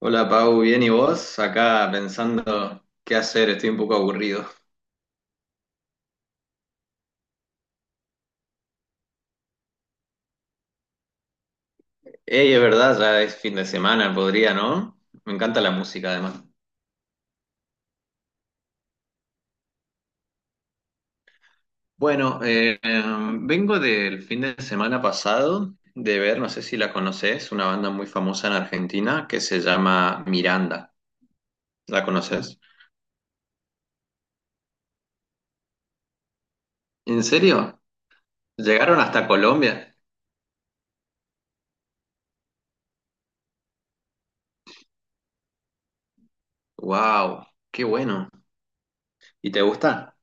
Hola Pau, ¿bien y vos? Acá pensando qué hacer, estoy un poco aburrido. Ey, es verdad, ya es fin de semana, podría, ¿no? Me encanta la música además. Bueno, vengo del fin de semana pasado de ver, no sé si la conoces, una banda muy famosa en Argentina que se llama Miranda. ¿La conoces? ¿En serio? ¿Llegaron hasta Colombia? ¡Wow! ¡Qué bueno! ¿Y te gusta?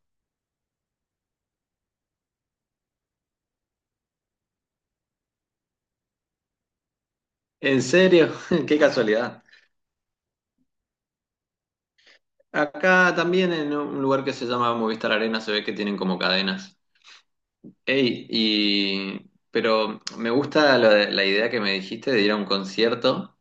¿En serio? ¡Qué casualidad! Acá también en un lugar que se llama Movistar Arena se ve que tienen como cadenas. Ey, y pero me gusta la idea que me dijiste de ir a un concierto,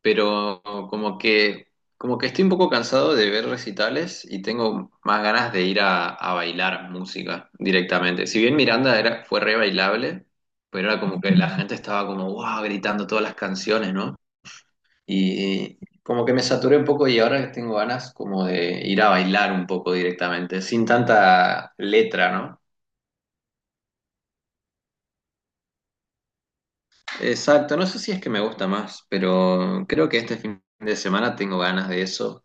pero como que como que estoy un poco cansado de ver recitales y tengo más ganas de ir a bailar música directamente. Si bien Miranda era, fue re bailable, pero era como que la gente estaba como wow, gritando todas las canciones, ¿no? Y como que me saturé un poco y ahora tengo ganas como de ir a bailar un poco directamente, sin tanta letra, ¿no? Exacto, no sé si es que me gusta más, pero creo que este fin de semana tengo ganas de eso.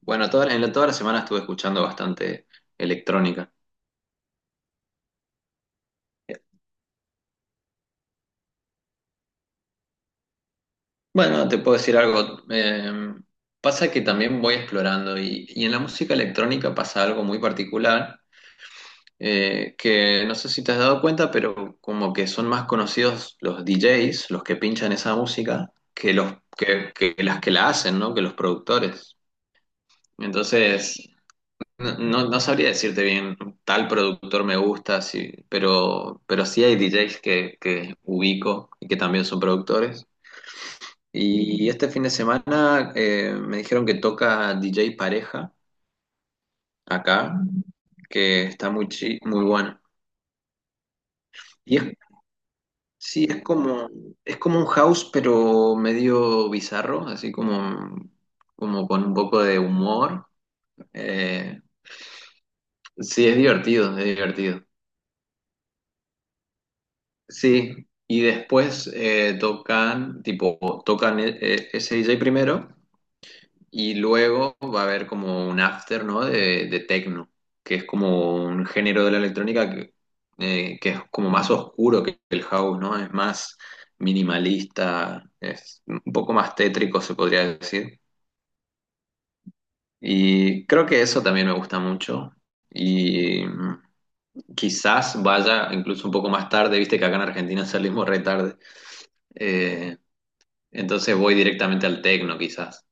Bueno, toda la semana estuve escuchando bastante electrónica. Bueno, te puedo decir algo. Pasa que también voy explorando y en la música electrónica pasa algo muy particular, que no sé si te has dado cuenta, pero como que son más conocidos los DJs, los que pinchan esa música, que los que las que la hacen, ¿no? Que los productores. Entonces, no, no, no sabría decirte bien, tal productor me gusta, sí, pero sí hay DJs que ubico y que también son productores. Y este fin de semana me dijeron que toca DJ Pareja acá, que está muy, muy bueno. Y es Sí, es como un house, pero medio bizarro, así como, como con un poco de humor. Eh, sí, es divertido, es divertido. Sí, y después tocan, tipo, tocan ese DJ primero. Y luego va a haber como un after, ¿no? De techno, que es como un género de la electrónica que es como más oscuro que el house, ¿no? Es más minimalista, es un poco más tétrico, se podría decir. Y creo que eso también me gusta mucho. Y quizás vaya incluso un poco más tarde, viste que acá en Argentina salimos re tarde. Eh, entonces voy directamente al techno, quizás.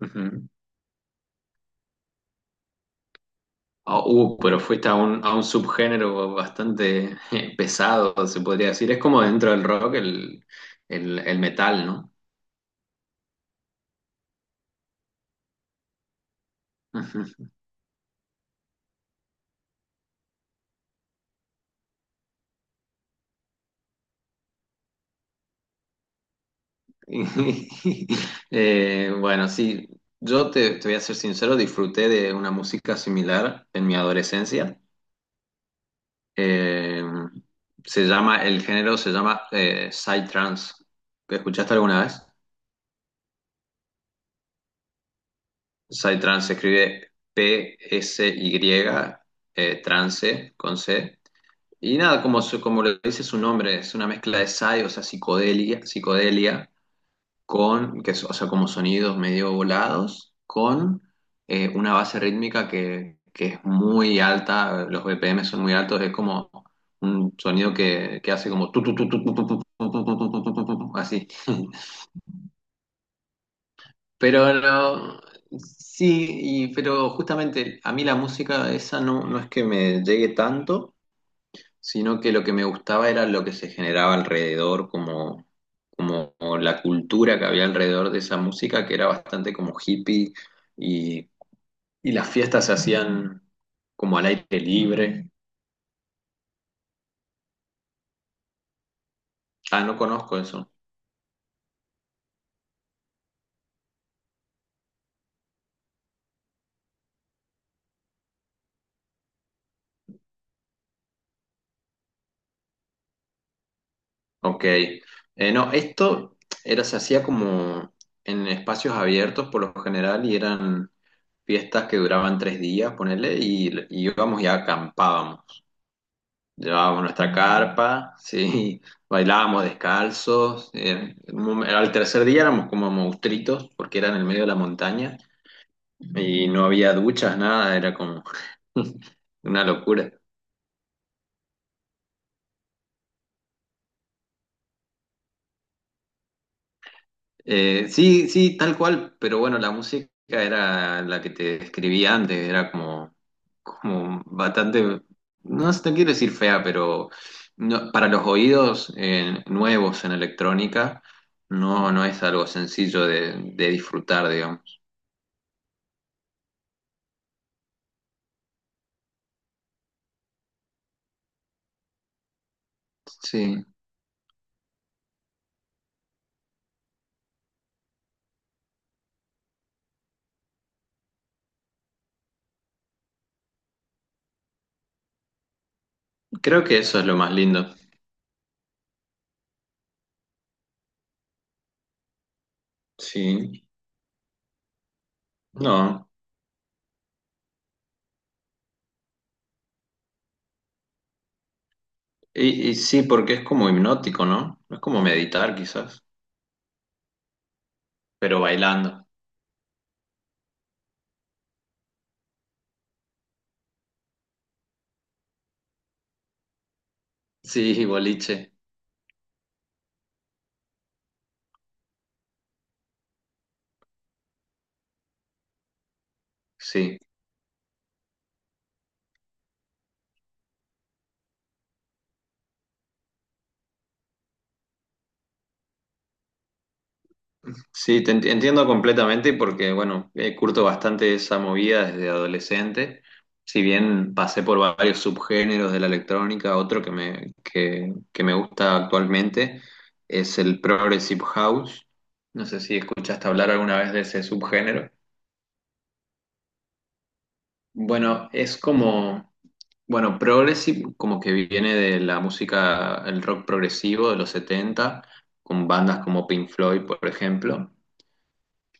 Ujú. Ah, pero fuiste a un, subgénero bastante pesado, se podría decir. Es como dentro del rock el metal, ¿no? Bueno, sí, yo te voy a ser sincero, disfruté de una música similar en mi adolescencia. Eh, el género se llama psytrance. ¿Escuchaste alguna vez? Psytrance se escribe PSY, trance con C. Y nada, como, como lo dice su nombre, es una mezcla de psy, o sea, psicodelia con, o sea, como sonidos medio volados, con una base rítmica que es muy alta, los BPM son muy altos, es como un sonido que hace como tu, así. Pero no- sí, pero justamente a mí la música esa no, no es que me llegue tanto. Sino que lo que me gustaba era lo que se generaba alrededor, como la cultura que había alrededor de esa música, que era bastante como hippie, y, y las fiestas se hacían como al aire libre. Ah, no conozco eso. Ok. No, se hacía como en espacios abiertos por lo general y eran fiestas que duraban 3 días, ponele, y íbamos y acampábamos. Llevábamos nuestra carpa, sí, bailábamos descalzos. Al tercer día éramos como monstruitos porque era en el medio de la montaña y no había duchas, nada, era como una locura. Sí, sí, tal cual, pero bueno, la música era la que te describí antes, era como bastante, no sé, no quiero decir fea, pero para los oídos nuevos en electrónica, no, no es algo sencillo de disfrutar, digamos. Sí, creo que eso es lo más lindo. Sí, no, y sí, porque es como hipnótico, ¿no? Es como meditar quizás, pero bailando. Sí, boliche, sí. Sí, entiendo completamente porque, bueno, curto bastante esa movida desde adolescente. Si bien pasé por varios subgéneros de la electrónica, otro que me gusta actualmente es el Progressive House. No sé si escuchaste hablar alguna vez de ese subgénero. Bueno, es como, bueno, Progressive como que viene de la música, el rock progresivo de los 70 con bandas como Pink Floyd, por ejemplo.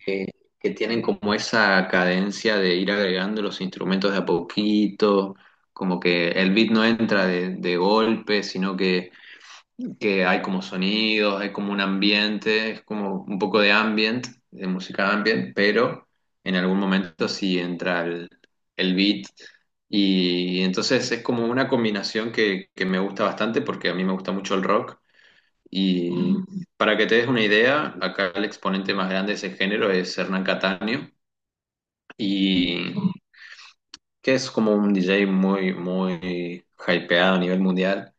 eh, que tienen como esa cadencia de ir agregando los instrumentos de a poquito, como que el beat no entra de golpe, sino que hay como sonidos, hay como un ambiente, es como un poco de ambient, de música ambient, pero en algún momento sí entra el beat. Y entonces es como una combinación que me gusta bastante porque a mí me gusta mucho el rock y para que te des una idea, acá el exponente más grande de ese género es Hernán Cataño, y que es como un DJ muy, muy hypeado a nivel mundial.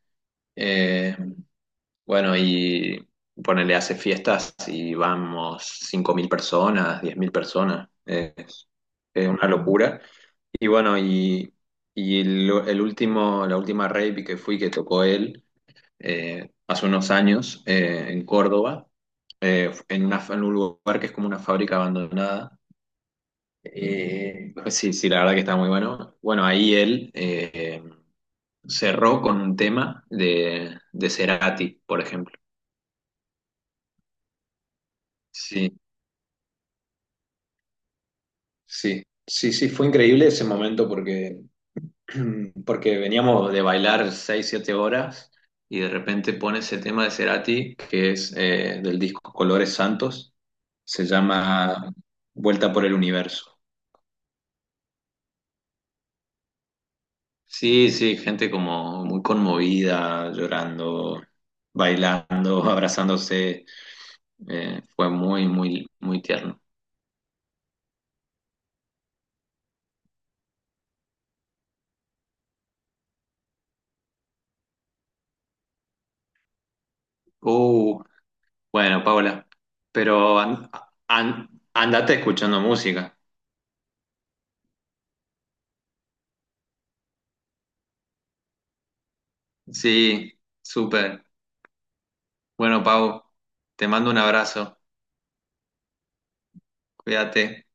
Eh, bueno, y ponele, hace fiestas y vamos 5.000 personas, 10.000 personas. Es una locura. Y bueno, el último, la última rave que fui que tocó él, hace unos años en Córdoba, en un lugar que es como una fábrica abandonada. Pues sí, sí, la verdad que está muy bueno. Bueno, ahí él cerró con un tema de Cerati, por ejemplo. Sí, sí, sí, sí, fue increíble ese momento porque porque veníamos de bailar 6 7 horas y de repente pone ese tema de Cerati, que es del disco Colores Santos, se llama Vuelta por el Universo. Sí, sí, gente como muy conmovida, llorando, bailando, abrazándose, fue muy, muy, muy tierno. Uh, bueno, Paula, pero andate escuchando música. Sí, súper. Bueno, Pau, te mando un abrazo. Cuídate.